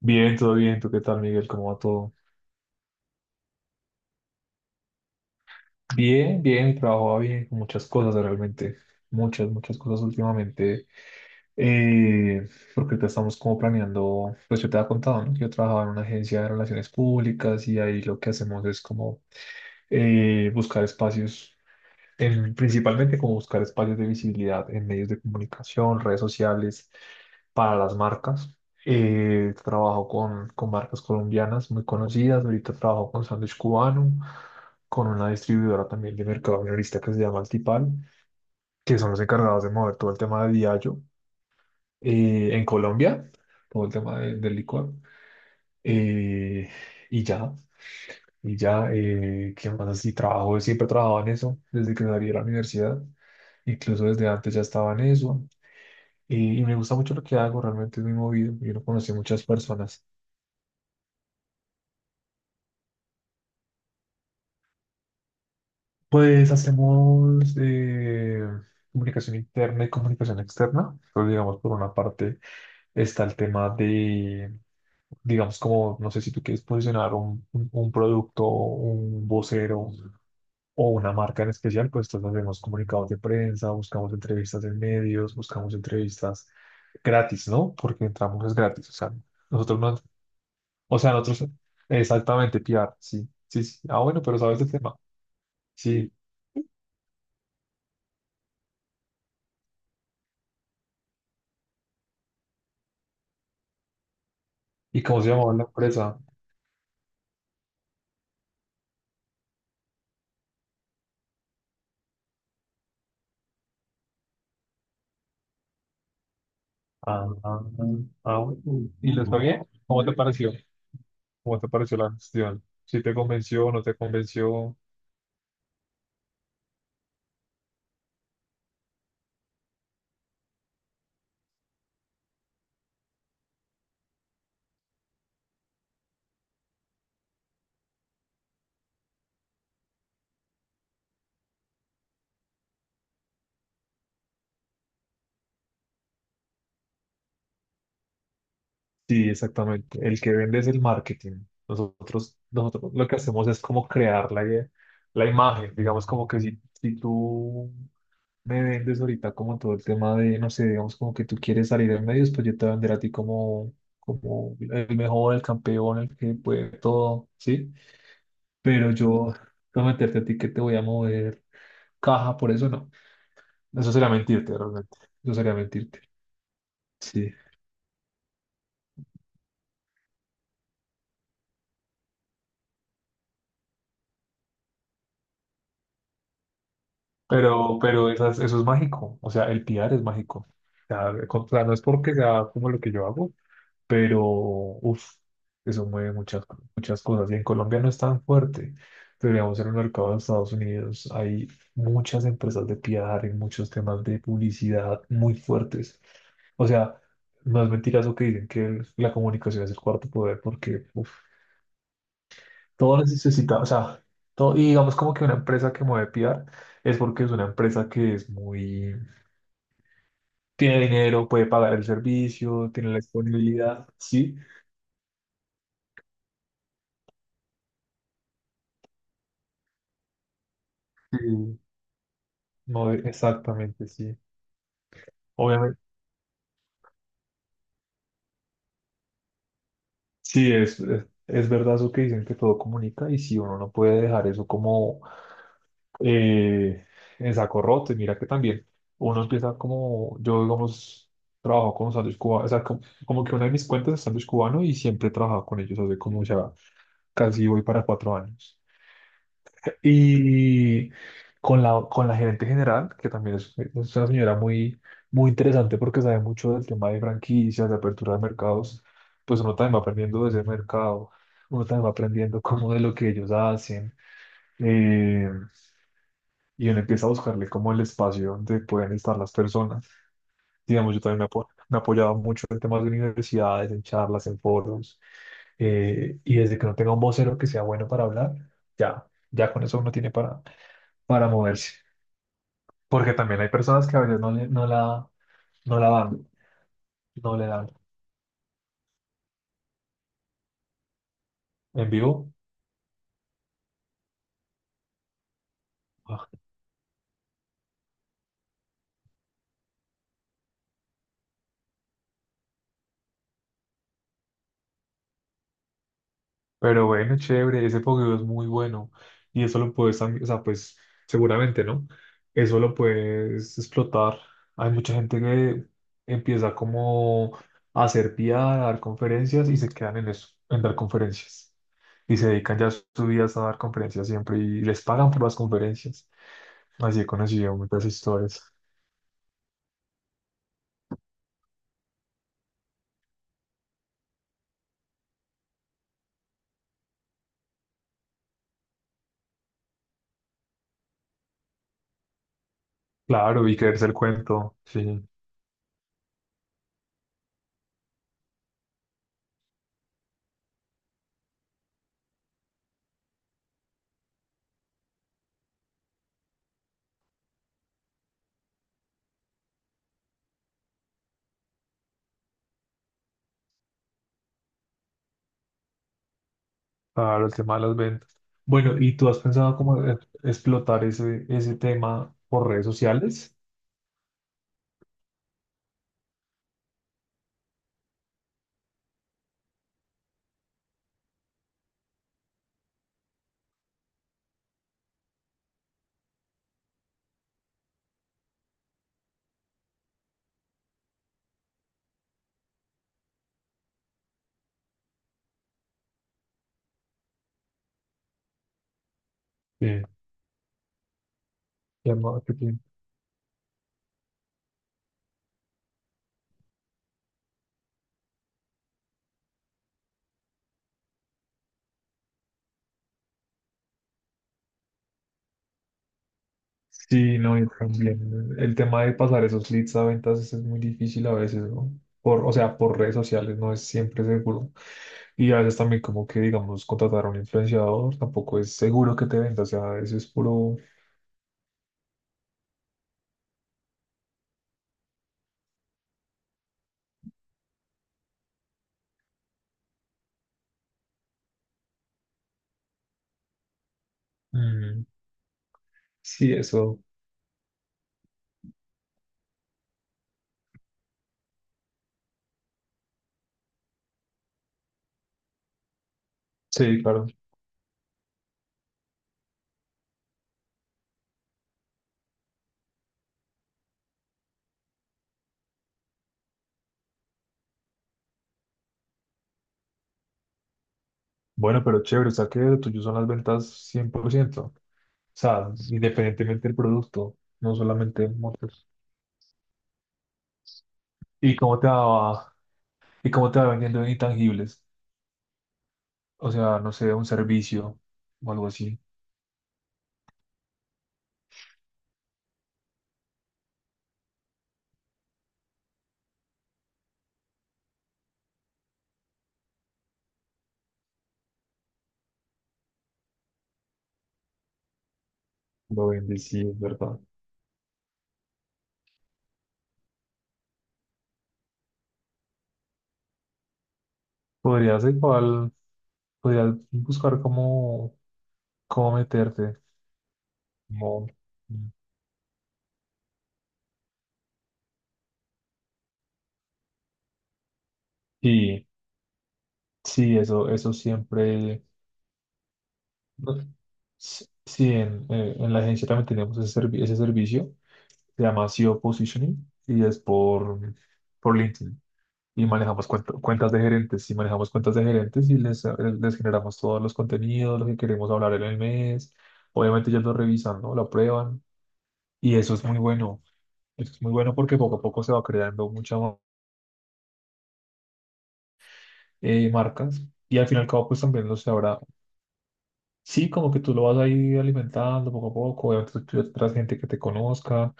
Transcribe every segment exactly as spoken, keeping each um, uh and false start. Bien, todo bien. ¿Tú qué tal, Miguel? ¿Cómo va todo? Bien, bien, trabajo bien, con muchas cosas realmente, muchas, muchas cosas últimamente, eh, porque ahorita estamos como planeando, pues yo te había contado, ¿no? Que yo trabajaba en una agencia de relaciones públicas y ahí lo que hacemos es como eh, buscar espacios, el- principalmente como buscar espacios de visibilidad en medios de comunicación, redes sociales, para las marcas. Eh, trabajo con, con marcas colombianas muy conocidas. Ahorita trabajo con Sándwich Cubano, con una distribuidora también de mercado minorista que se llama Altipal, que son los encargados de mover todo el tema de Diageo eh, en Colombia, todo el tema de- del licor. Eh, y ya, y ya, eh, ¿qué más así? Trabajo, siempre trabajaba en eso, desde que salí de la universidad, incluso desde antes ya estaba en eso. Y, y me gusta mucho lo que hago, realmente es muy movido, yo no conocí muchas personas. Pues hacemos eh, comunicación interna y comunicación externa. Pues digamos, por una parte está el tema de, digamos, como, no sé si tú quieres posicionar un, un, un producto, un vocero, o una marca en especial, pues entonces hacemos comunicados de prensa, buscamos entrevistas en medios, buscamos entrevistas gratis, ¿no? Porque entramos es gratis, o sea, nosotros no, o sea, nosotros, exactamente, P R, sí, sí, sí, ah, bueno, pero sabes el tema, sí, ¿y cómo se llamaba la empresa? Ah, ah, ah, bueno. ¿Y les pagué? ¿Cómo te pareció? ¿Cómo te pareció la gestión? ¿Si te convenció o no te convenció? Sí, exactamente. El que vende es el marketing. Nosotros, nosotros lo que hacemos es como crear la, i- la imagen. Digamos como que si, si tú me vendes ahorita como todo el tema de, no sé, digamos como que tú quieres salir en medios, pues yo te voy a vender a ti como, como el mejor, el campeón, el que puede todo, ¿sí? Pero yo prometerte a ti que te voy a mover caja, por eso no. Eso sería mentirte, realmente. Eso sería mentirte. Sí. Pero, pero esas- eso es mágico, o sea, el P R es mágico. O sea, con- o sea, no es porque sea como lo que yo hago, pero uff, eso mueve muchas, muchas cosas. Y en Colombia no es tan fuerte, pero digamos en el mercado de Estados Unidos hay muchas empresas de P R y muchos temas de publicidad muy fuertes. O sea, no es mentira eso que dicen que la comunicación es el cuarto poder, porque uf, todo necesita, o sea, todo, y digamos como que una empresa que mueve P R es porque es una empresa que es muy, tiene dinero, puede pagar el servicio, tiene la disponibilidad, sí, sí, mover- exactamente, sí. Obviamente, sí, es, es, es verdad eso que dicen que todo comunica y si uno no puede dejar eso como eh, en saco roto, y mira que también uno empieza como, yo digamos, trabajo con sándwich cubano, o sea, como, como que una de mis cuentas es sándwich cubano y siempre he trabajado con ellos hace como ya casi voy para cuatro años. Y con la, con la gerente general, que también es, es una señora muy, muy interesante porque sabe mucho del tema de franquicias, de apertura de mercados, pues uno también va aprendiendo de ese mercado, uno también va aprendiendo como de lo que ellos hacen, eh, y uno empieza a buscarle como el espacio donde pueden estar las personas. Digamos, yo también me, apo- me he apoyado mucho en temas de universidades, en charlas, en foros eh, y desde que no tenga un vocero que sea bueno para hablar, ya, ya con eso uno tiene para, para moverse. Porque también hay personas que a veces no, le- no la, no la dan, no le dan. En vivo, ah, pero bueno, chévere, ese fogueo es muy bueno y eso lo puedes, tam- o sea, pues seguramente, ¿no? Eso lo puedes explotar. Hay mucha gente que empieza como a hacer P R, a dar conferencias y se quedan en eso, en dar conferencias. Y se dedican ya sus vidas a dar conferencias siempre y les pagan por las conferencias. Así he conocido muchas historias. Claro, y creerse el cuento, sí. Claro, el tema de las ventas. Bueno, ¿y tú has pensado cómo e- explotar ese, ese tema por redes sociales? Sí. Ya marketing. Sí, no, y también el tema de pasar esos leads a ventas es es muy difícil a veces, ¿no? Por, o sea, por redes sociales no es siempre seguro. Y a veces también como que, digamos, contratar a un influenciador tampoco es seguro que te venda, o sea, eso es puro... Mm, sí, eso. Sí, claro. Bueno, pero chévere, o sea que lo tuyo son las ventas cien por ciento. O sea, independientemente del producto, no solamente motos. ¿Y cómo te va, y cómo te va vendiendo en intangibles? O sea, no sé, un servicio o algo así. Lo vendes, sí, es verdad. Podrías igual, podrías buscar cómo, cómo meterte. Como, y sí, eso, eso siempre. No, sí, sí, en, eh, en la agencia también tenemos ese, servi- ese servicio. Se llama S E O Positioning y es por, por LinkedIn. Y manejamos cuent- cuentas de gerentes. Y manejamos cuentas de gerentes y les, eh, les generamos todos los contenidos, lo que queremos hablar en el mes. Obviamente ellos lo revisan, ¿no? Lo aprueban. Y eso es muy bueno. Eso es muy bueno porque poco a poco se va creando muchas ma- eh, marcas. Y al fin y al cabo, pues también lo se habrá. Sí, como que tú lo vas ahí alimentando poco a poco. Obviamente tú tendrás gente que te conozca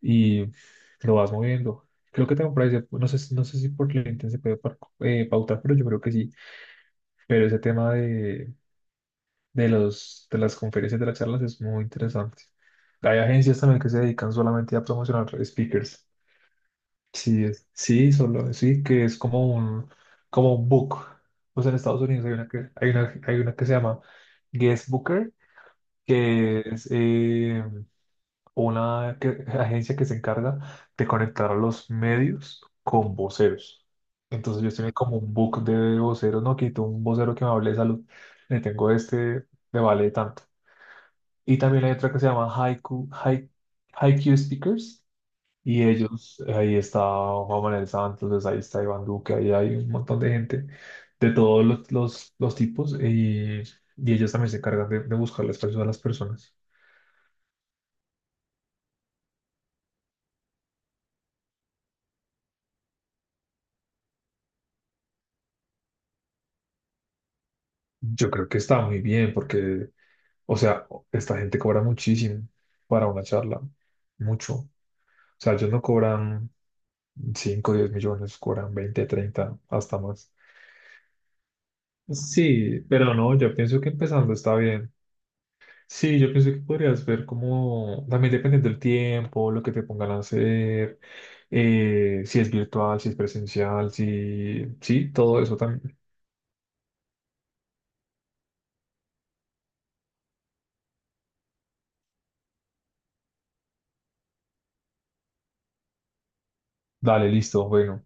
y lo vas moviendo. Creo que tengo por ahí, se- no sé, si- no sé si por LinkedIn se puede par- eh, pautar, pero yo creo que sí. Pero ese tema de, de los, de las conferencias, de las charlas, es muy interesante. Hay agencias también que se dedican solamente a promocionar speakers. Sí, es, sí, solo, sí, que es como un, como un book. Pues en Estados Unidos hay una que, hay una, hay una que se llama Guest Booker, que es eh, una que- agencia que se encarga de conectar a los medios con voceros. Entonces yo estoy como un book de voceros, no quito un vocero que me hable de salud, le tengo este, le vale tanto. Y también hay otra que se llama Haiku, Hai- Haiku Speakers. Y ellos, ahí está Juan Manuel Santos, pues ahí está Iván Duque, ahí hay un montón de gente de todos los, los, los tipos. Y, y ellos también se encargan de, de buscar las personas a las personas. Yo creo que está muy bien porque, o sea, esta gente cobra muchísimo para una charla, mucho. O sea, ellos no cobran cinco o diez millones, cobran veinte treinta hasta más. Sí, pero no, yo pienso que empezando está bien. Sí, yo pienso que podrías ver como, también dependiendo del tiempo, lo que te pongan a hacer, eh, si es virtual, si es presencial, si, sí, todo eso también. Dale, listo, bueno.